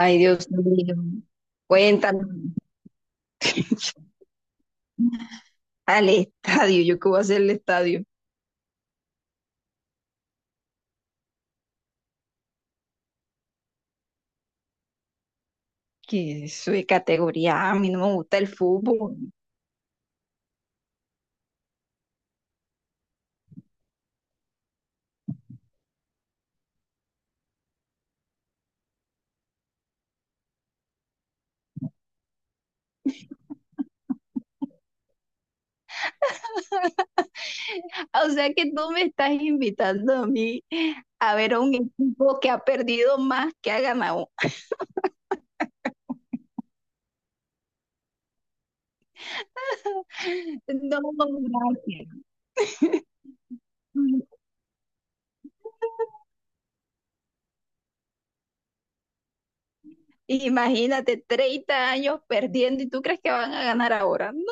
Ay, Dios mío. Cuéntame, al estadio, ¿yo qué voy a hacer el estadio? Que soy categoría A, a mí no me gusta el fútbol. O sea que tú me estás invitando a mí a ver a un equipo que ha perdido más que ha ganado. No, gracias. Imagínate, 30 años perdiendo y tú crees que van a ganar ahora. No.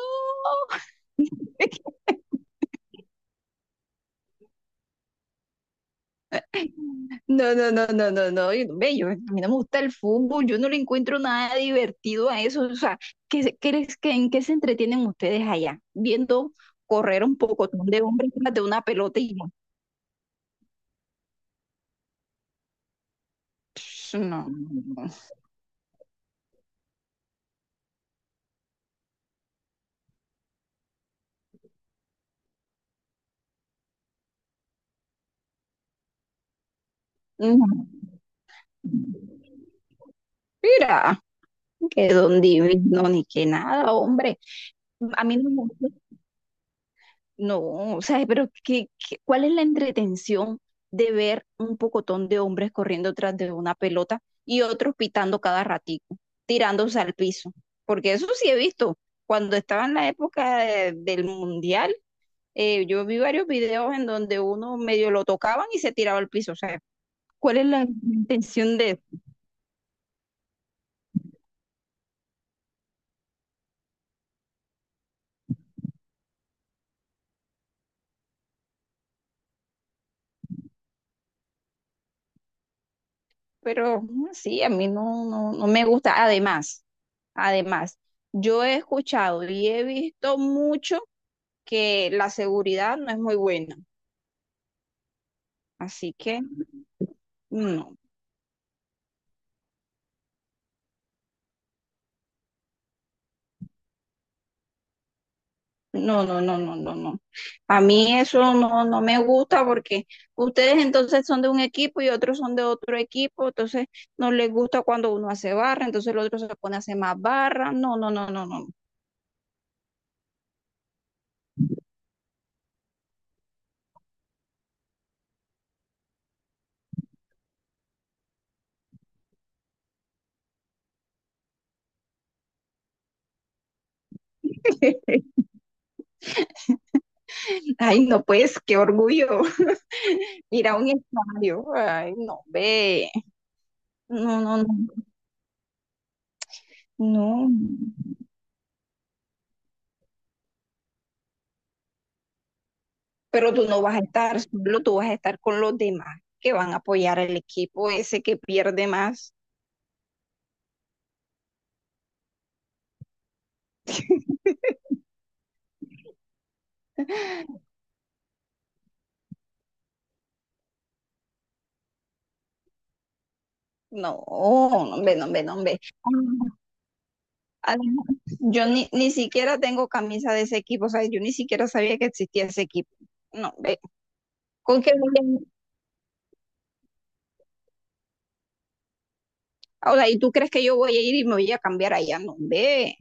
No, no, no, no, no, no, ve, yo, a mí no me gusta el fútbol, yo no le encuentro nada divertido a eso, o sea, ¿crees que, en qué se entretienen ustedes allá? Viendo correr un pocotón de hombres tras de una pelota y no, pss, no, no, no, no. Mira, que don divino, ni que nada, hombre, a mí no me gusta. No, o sea, pero ¿cuál es la entretención de ver un pocotón de hombres corriendo tras de una pelota y otros pitando cada ratico, tirándose al piso? Porque eso sí he visto. Cuando estaba en la del mundial, yo vi varios videos en donde uno medio lo tocaban y se tiraba al piso. O sea, ¿cuál es la intención de eso? Pero sí, a mí no, no, no me gusta. Además, yo he escuchado y he visto mucho que la seguridad no es muy buena. Así que no, no, no, no, no, no, no. A mí eso no, no me gusta porque ustedes entonces son de un equipo y otros son de otro equipo, entonces no les gusta cuando uno hace barra, entonces el otro se pone a hacer más barra. No, no, no, no, no. Ay, no, pues, qué orgullo ir a un estadio. Ay, no, ve. No, no, no, no. Pero tú no vas a estar solo, tú vas a estar con los demás que van a apoyar al equipo ese que pierde más. No, no, hombre, no, hombre, no, hombre. Ah, además, yo ni, ni siquiera tengo camisa de ese equipo, o sea, yo ni siquiera sabía que existía ese equipo. No, ve, ¿con qué voy a ir? O sea, ¿y tú crees que yo voy a ir y me voy a cambiar allá? No, ve.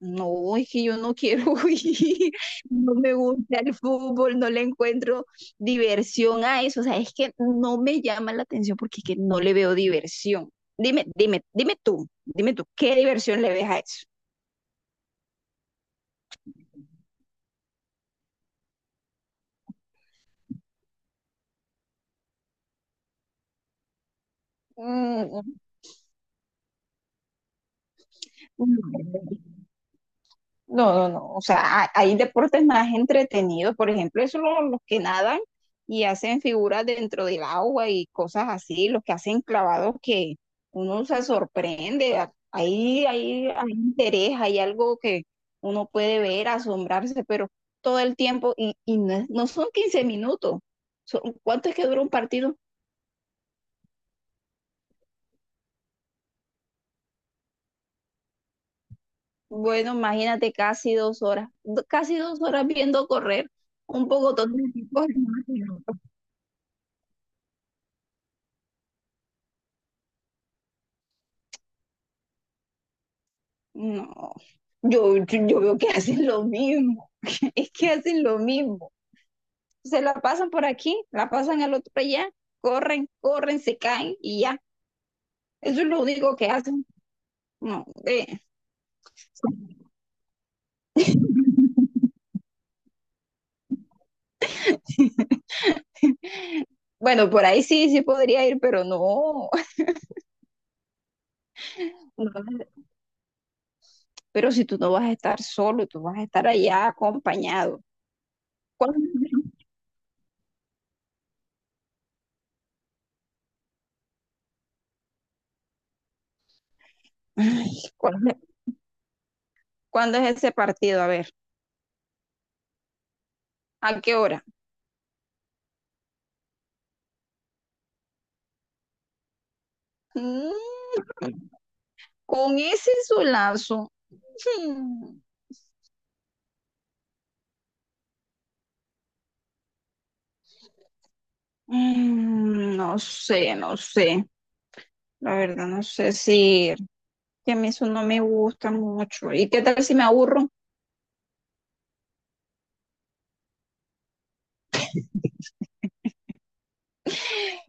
No, es que yo no quiero ir, no me gusta el fútbol, no le encuentro diversión a eso, o sea, es que no me llama la atención porque es que no le veo diversión. Dime tú, dime tú, ¿qué diversión le ves a eso? Mm, mm, No, no, no. O sea, hay deportes más entretenidos. Por ejemplo, esos los que nadan y hacen figuras dentro del agua y cosas así, los que hacen clavados que uno se sorprende. Ahí, ahí hay interés, hay algo que uno puede ver, asombrarse, pero todo el tiempo, y no, no son 15 minutos. ¿Cuánto es que dura un partido? Bueno, imagínate casi 2 horas, casi 2 horas viendo correr un poco de tipos. No, yo veo que hacen lo mismo, es que hacen lo mismo. Se la pasan por aquí, la pasan al otro allá, corren, corren, se caen y ya. Eso es lo único que hacen. No, eh. Bueno, por ahí sí, sí podría ir, pero no. No, pero si tú no vas a estar solo, tú vas a estar allá acompañado. ¿Cuándo, Ay, ¿cuándo es ese partido? A ver, ¿a qué hora? Mm, Con ese solazo. mm. No sé, no sé. La verdad, no sé si que a mí eso no me gusta mucho. ¿Y qué tal si me aburro?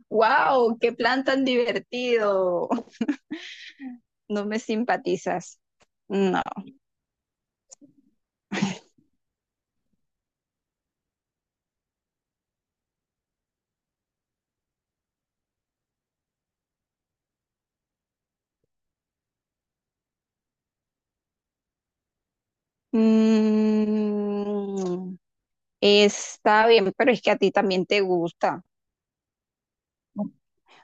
¡Wow! ¡Qué plan tan divertido! No me simpatizas. No. Mm, Está bien, pero es que a ti también te gusta.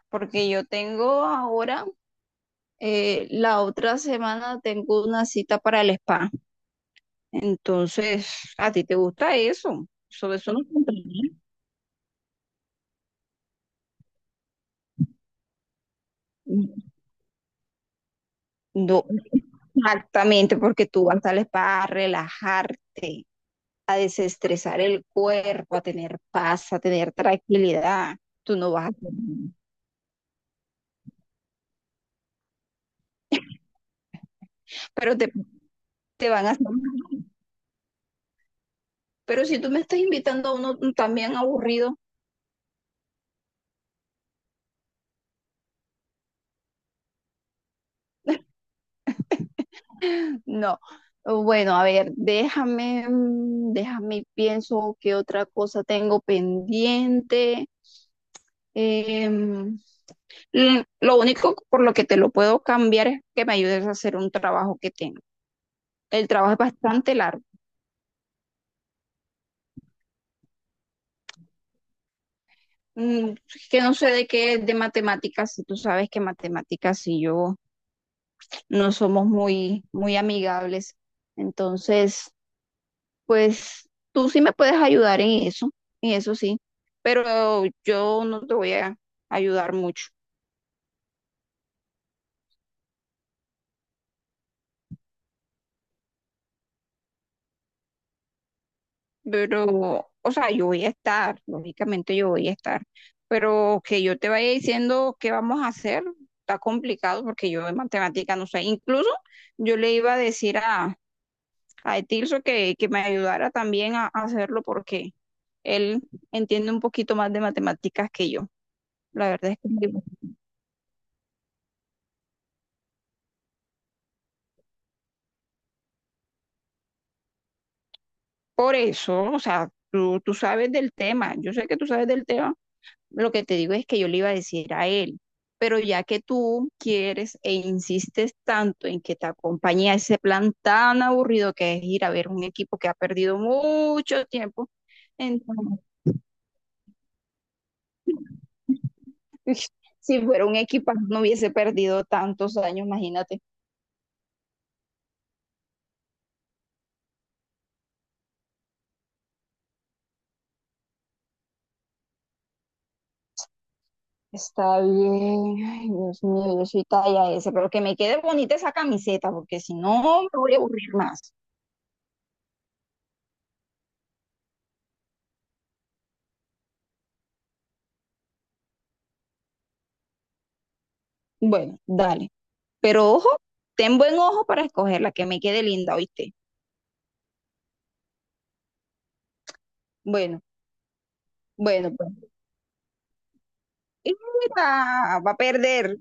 Porque yo tengo ahora, la otra semana tengo una cita para el spa. Entonces, ¿a ti te gusta eso? Sobre eso no. Contraría. No, exactamente, porque tú vas al spa a relajarte, a desestresar el cuerpo, a tener paz, a tener tranquilidad. Tú no vas a... hacer nada. Pero te van a hacer mal. Pero si tú me estás invitando a uno también aburrido, no. Bueno, a ver, déjame, déjame, pienso qué otra cosa tengo pendiente. Em, lo único por lo que te lo puedo cambiar es que me ayudes a hacer un trabajo que tengo. El trabajo es bastante largo. Es que no sé de qué, de matemáticas, si tú sabes que matemáticas y yo no somos muy amigables. Entonces, pues tú sí me puedes ayudar en eso sí, pero yo no te voy a ayudar mucho. Pero, o sea, yo voy a estar, lógicamente yo voy a estar, pero que yo te vaya diciendo qué vamos a hacer, está complicado porque yo de matemática no sé. Incluso yo le iba a decir a Etilso que me ayudara también a hacerlo porque él entiende un poquito más de matemáticas que yo. La verdad es que por eso, o sea, tú sabes del tema, yo sé que tú sabes del tema, lo que te digo es que yo le iba a decir a él, pero ya que tú quieres e insistes tanto en que te acompañe a ese plan tan aburrido que es ir a ver un equipo que ha perdido mucho tiempo, entonces, si fuera un equipo no hubiese perdido tantos años, imagínate. Está bien. Ay, Dios mío, yo soy talla S, pero que me quede bonita esa camiseta, porque si no me voy a aburrir más. Bueno, dale. Pero ojo, ten buen ojo para escogerla, que me quede linda, ¿oíste? Bueno, bueno, pues. Mira, va a perder.